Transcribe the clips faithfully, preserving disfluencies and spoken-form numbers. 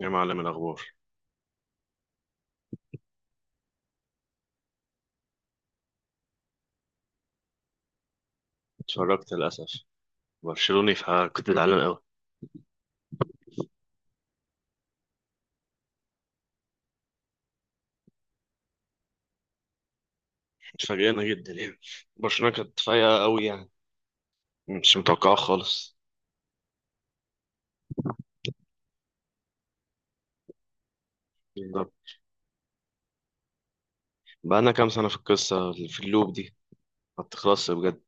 يا معلم الأخبار. اتفرجت للأسف، برشلوني فكنت زعلان أوي. اتفاجئنا جدا يعني، برشلونة كانت فايقة أوي يعني. مش متوقعة خالص. بالظبط، بقالنا كام سنة في القصة في اللوب دي، ما بتخلصش بجد.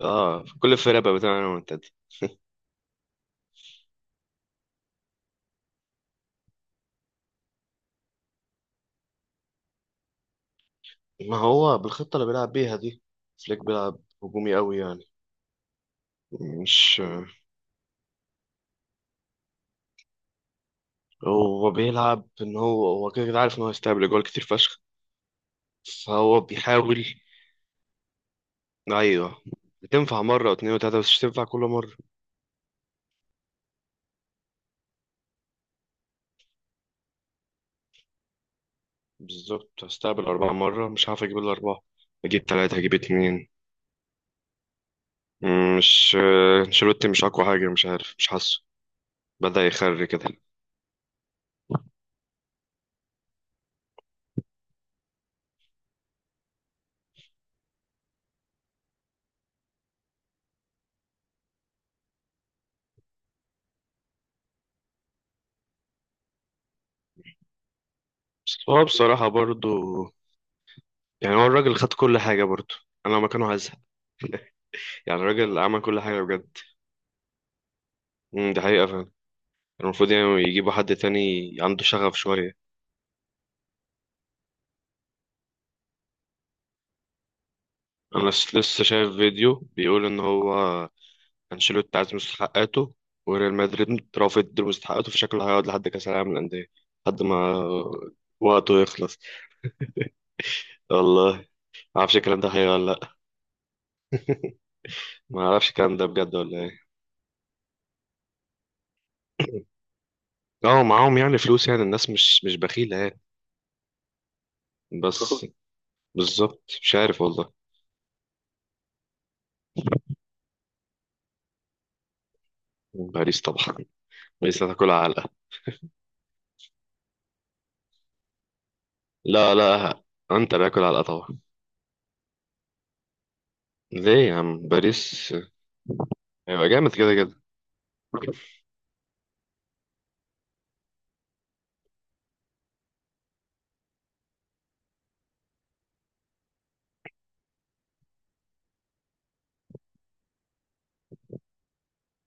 اه، كل الفرق بقى بتلعب منتدى. ما هو بالخطة اللي بيلعب بيها دي، فليك بيلعب هجومي أوي يعني. مش هو بيلعب إن هو هو كده كده عارف إن هو هيستقبل جوال كتير فشخ، فهو بيحاول. أيوه، بتنفع مرة واتنين وتلاتة بس مش تنفع كل مرة. بالظبط، هستقبل أربعة مرة مش هعرف أجيب الأربعة، أجيب تلاتة أجيب اتنين. مم، مش آه، أنشيلوتي مش أقوى حاجة، مش عارف، مش حاسه. بدأ يخري كده. بس هو بصراحة برضو، يعني هو الراجل خد كل حاجة برضو. أنا لو مكانه هزهق. يعني الراجل عمل كل حاجة بجد. مم، دي حقيقة فعلا. المفروض يعني يجيبوا حد تاني عنده شغف شوية. أنا س- لسه شايف فيديو بيقول إن هو انشيلوتي عايز مستحقاته، وريال مدريد رافض مستحقاته، فشكله هيقعد لحد كاس العالم للانديه، لحد ما وقته يخلص. والله ما اعرفش الكلام ده حقيقي ولا لا. ما اعرفش الكلام ده بجد ولا ايه. اه معاهم يعني فلوس، يعني الناس مش مش بخيله يعني. بس بالظبط، مش عارف والله. باريس طبعا، باريس هتاكل علقه. لا لا، انت باكل علقه طبعا. ليه يا عم؟ باريس هيبقى جامد كده كده.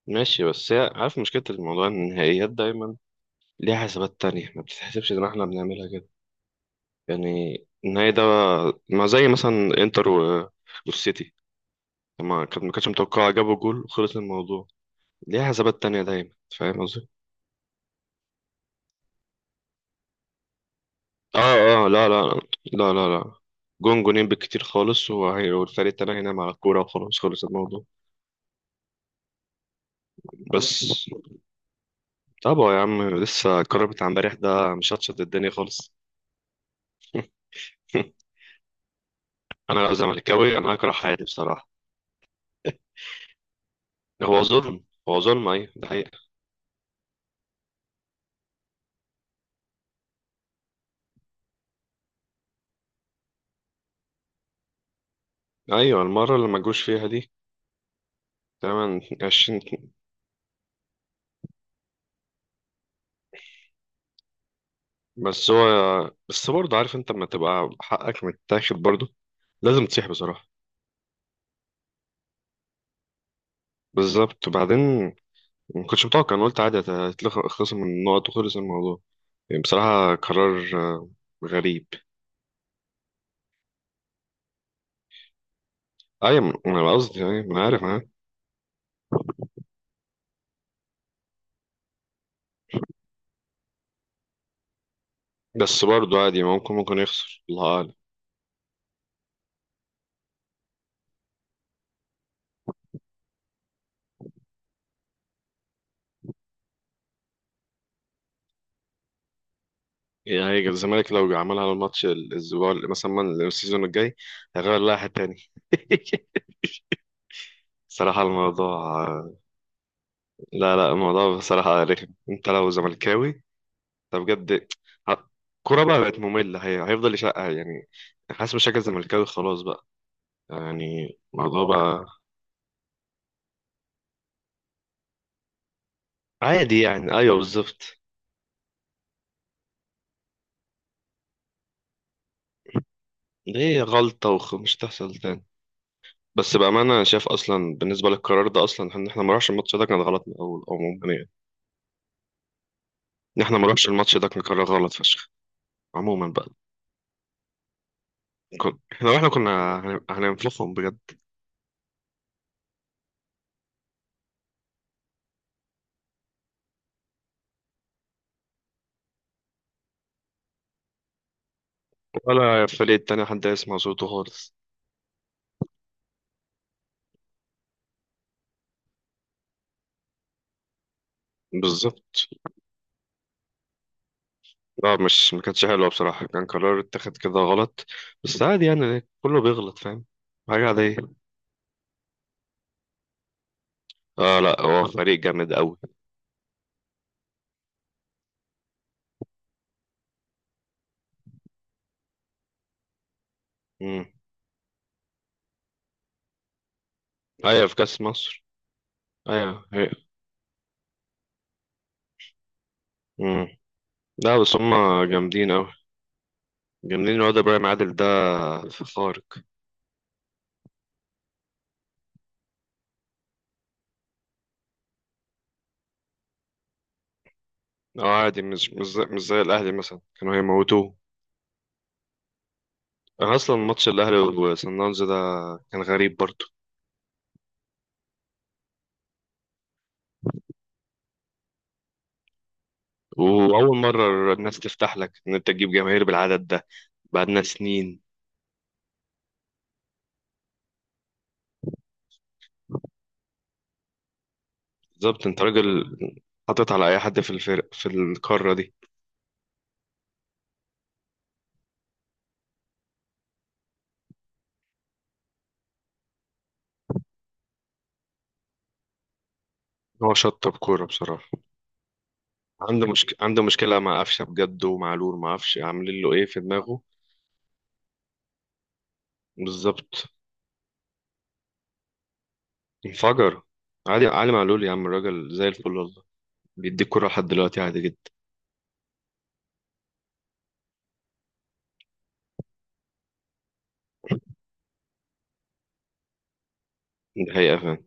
ماشي، بس هي عارف مشكله الموضوع إن النهائيات دايما ليها حسابات تانية، ما بتتحسبش زي ما احنا بنعملها كده يعني. النهائي ده ما زي مثلا انتر و- والسيتي لما كانت ما كانتش متوقعة، جابوا جول وخلص الموضوع. ليها حسابات تانية دايما. فاهم قصدي؟ اه اه، لا لا، لا لا لا. جون جونين بالكتير خالص، وهي- والفريق التاني هينام على الكورة وخلاص، خلص الموضوع. بس طبعا يا عم، لسه القرار بتاع امبارح ده مشطشط الدنيا خالص. انا لو زملكاوي انا هكره حياتي بصراحة. هو ظلم، هو ظلم، ايوه ده حقيقة. ايوه، المرة اللي ما جوش فيها دي. تمام، عشرين. بس هو، بس برضه عارف انت لما تبقى حقك متاخد برضه لازم تصيح بصراحة. بالظبط. بعدين، ما كنتش متوقع، انا قلت عادي هتتلخ- هتخلص من النقط وخلص الموضوع. يعني بصراحة قرار آه، غريب. ايوه انا قصدي يعني، ما عارف انا. بس برضه عادي، ممكن ممكن يخسر، الله اعلم. يعني هيجي الزمالك لو عملها على الماتش الاسبوع اللي- مثلا من- السيزون الجاي، هيغير اللائحة تاني. صراحة الموضوع، لا لا، الموضوع بصراحة رخم انت لو زملكاوي، ده بجد. ه- الكورة بقى بقت مملة، هي هيفضل يشقها يعني. حاسس بشكل زملكاوي خلاص بقى، يعني الموضوع بقى عادي يعني. ايوه بالظبط، دي غلطة ومش تحصل تاني. بس بأمانة أنا شايف أصلا بالنسبة للقرار ده أصلا، إن إحنا ما نروحش الماتش ده كان غلط من الأول عموما يعني. إن إحنا ما نروحش الماتش ده كان قرار غلط فشخ عموما بقى. كن... إحنا، وإحنا كنا هن- هننفخهم بجد. ولا الفريق التاني حد يسمع صوته خالص. بالظبط. لا، مش ما كانتش حلوه بصراحه، كان قرار اتخذ كده غلط، بس عادي يعني، كله بيغلط، فاهم؟ حاجه عاديه. اه، لا هو فريق جامد قوي. امم، ايوه في كاس مصر. ايوه هي، امم، لا بس هم جامدين قوي. جامدين، الواد ابراهيم عادل ده خارق. اه عادي، مش مش زي, مش زي الاهلي مثلا، كانوا هيموتوه. انا اصلا ماتش الاهلي وسان داونز ده كان غريب برضه. واول مره الناس تفتح لك ان انت تجيب جماهير بالعدد ده، بعدنا سنين. بالظبط، انت راجل حاطط على اي حد في الفرق في القاره دي. هو شطب كوره بصراحه. عنده مشك... عنده مشكله مع قفشه بجد ومعلول، ما اعرفش عاملين له ايه في دماغه. بالظبط. انفجر. عادي، علي معلول يا عم الراجل زي الفل والله، بيديك كوره لحد دلوقتي عادي جدا. دي حقيقه فعلا.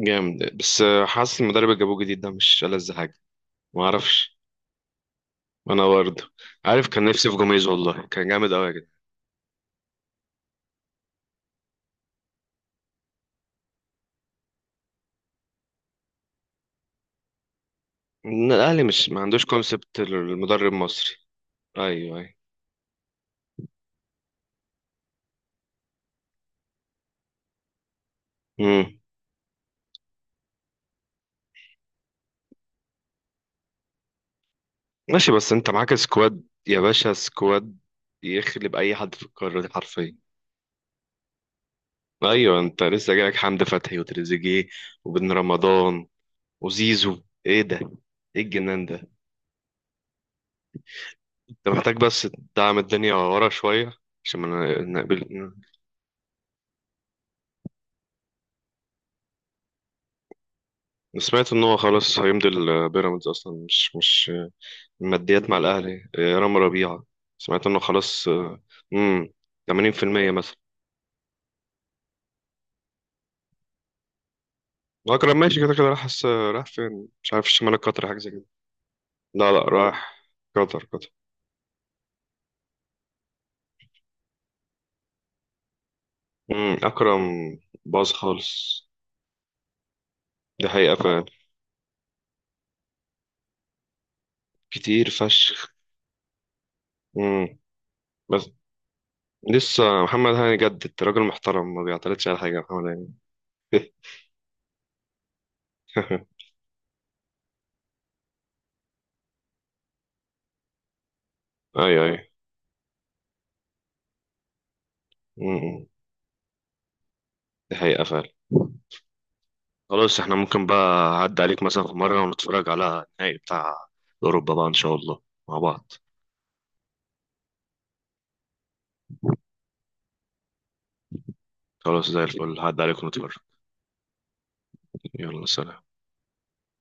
جامد، بس آه، حاسس المدرب اللي جابوه جديد ده مش ألذ حاجه، ما اعرفش. انا برضه. عارف كان نفسي في جوميز والله، كان جامد قوي يا جدع. إن الاهلي مش ما عندوش كونسبت المدرب مصري. ايوه ايوه. مم. ماشي، بس انت معاك سكواد يا باشا، سكواد يخلب اي حد في القاره دي حرفيا. ايوه، انت لسه جايلك حمدي فتحي وتريزيجيه وبن رمضان وزيزو، ايه ده؟ ايه الجنان ده؟ انت محتاج بس تدعم الدنيا ورا شويه عشان ما نقبل. انا سمعت ان هو خلاص هيمضي البيراميدز اصلا، مش مش ماديات مع الاهلي. اه، رامي ربيعه، سمعت انه خلاص. اه، امم، ثمانين في المية مثلا. اكرم ماشي كده كده، راح حس راح فين، مش عارف، الشمال القطري حاجه زي كده. لا لا، راح قطر قطر. امم، أكرم باظ خالص، دي حقيقة فعلا. كتير فشخ. امم. بس لسه محمد هاني جدد، راجل محترم ما بيعترضش على حاجة محمد هاني. أيوه أيوه. امم. دي حقيقة فعلا. خلاص احنا ممكن بقى أعدي عليك مثلا في مرة ونتفرج على النهائي بتاع أوروبا بقى إن شاء الله مع بعض. خلاص زي الفل، هعدي عليك ونتفرج. يلا سلام.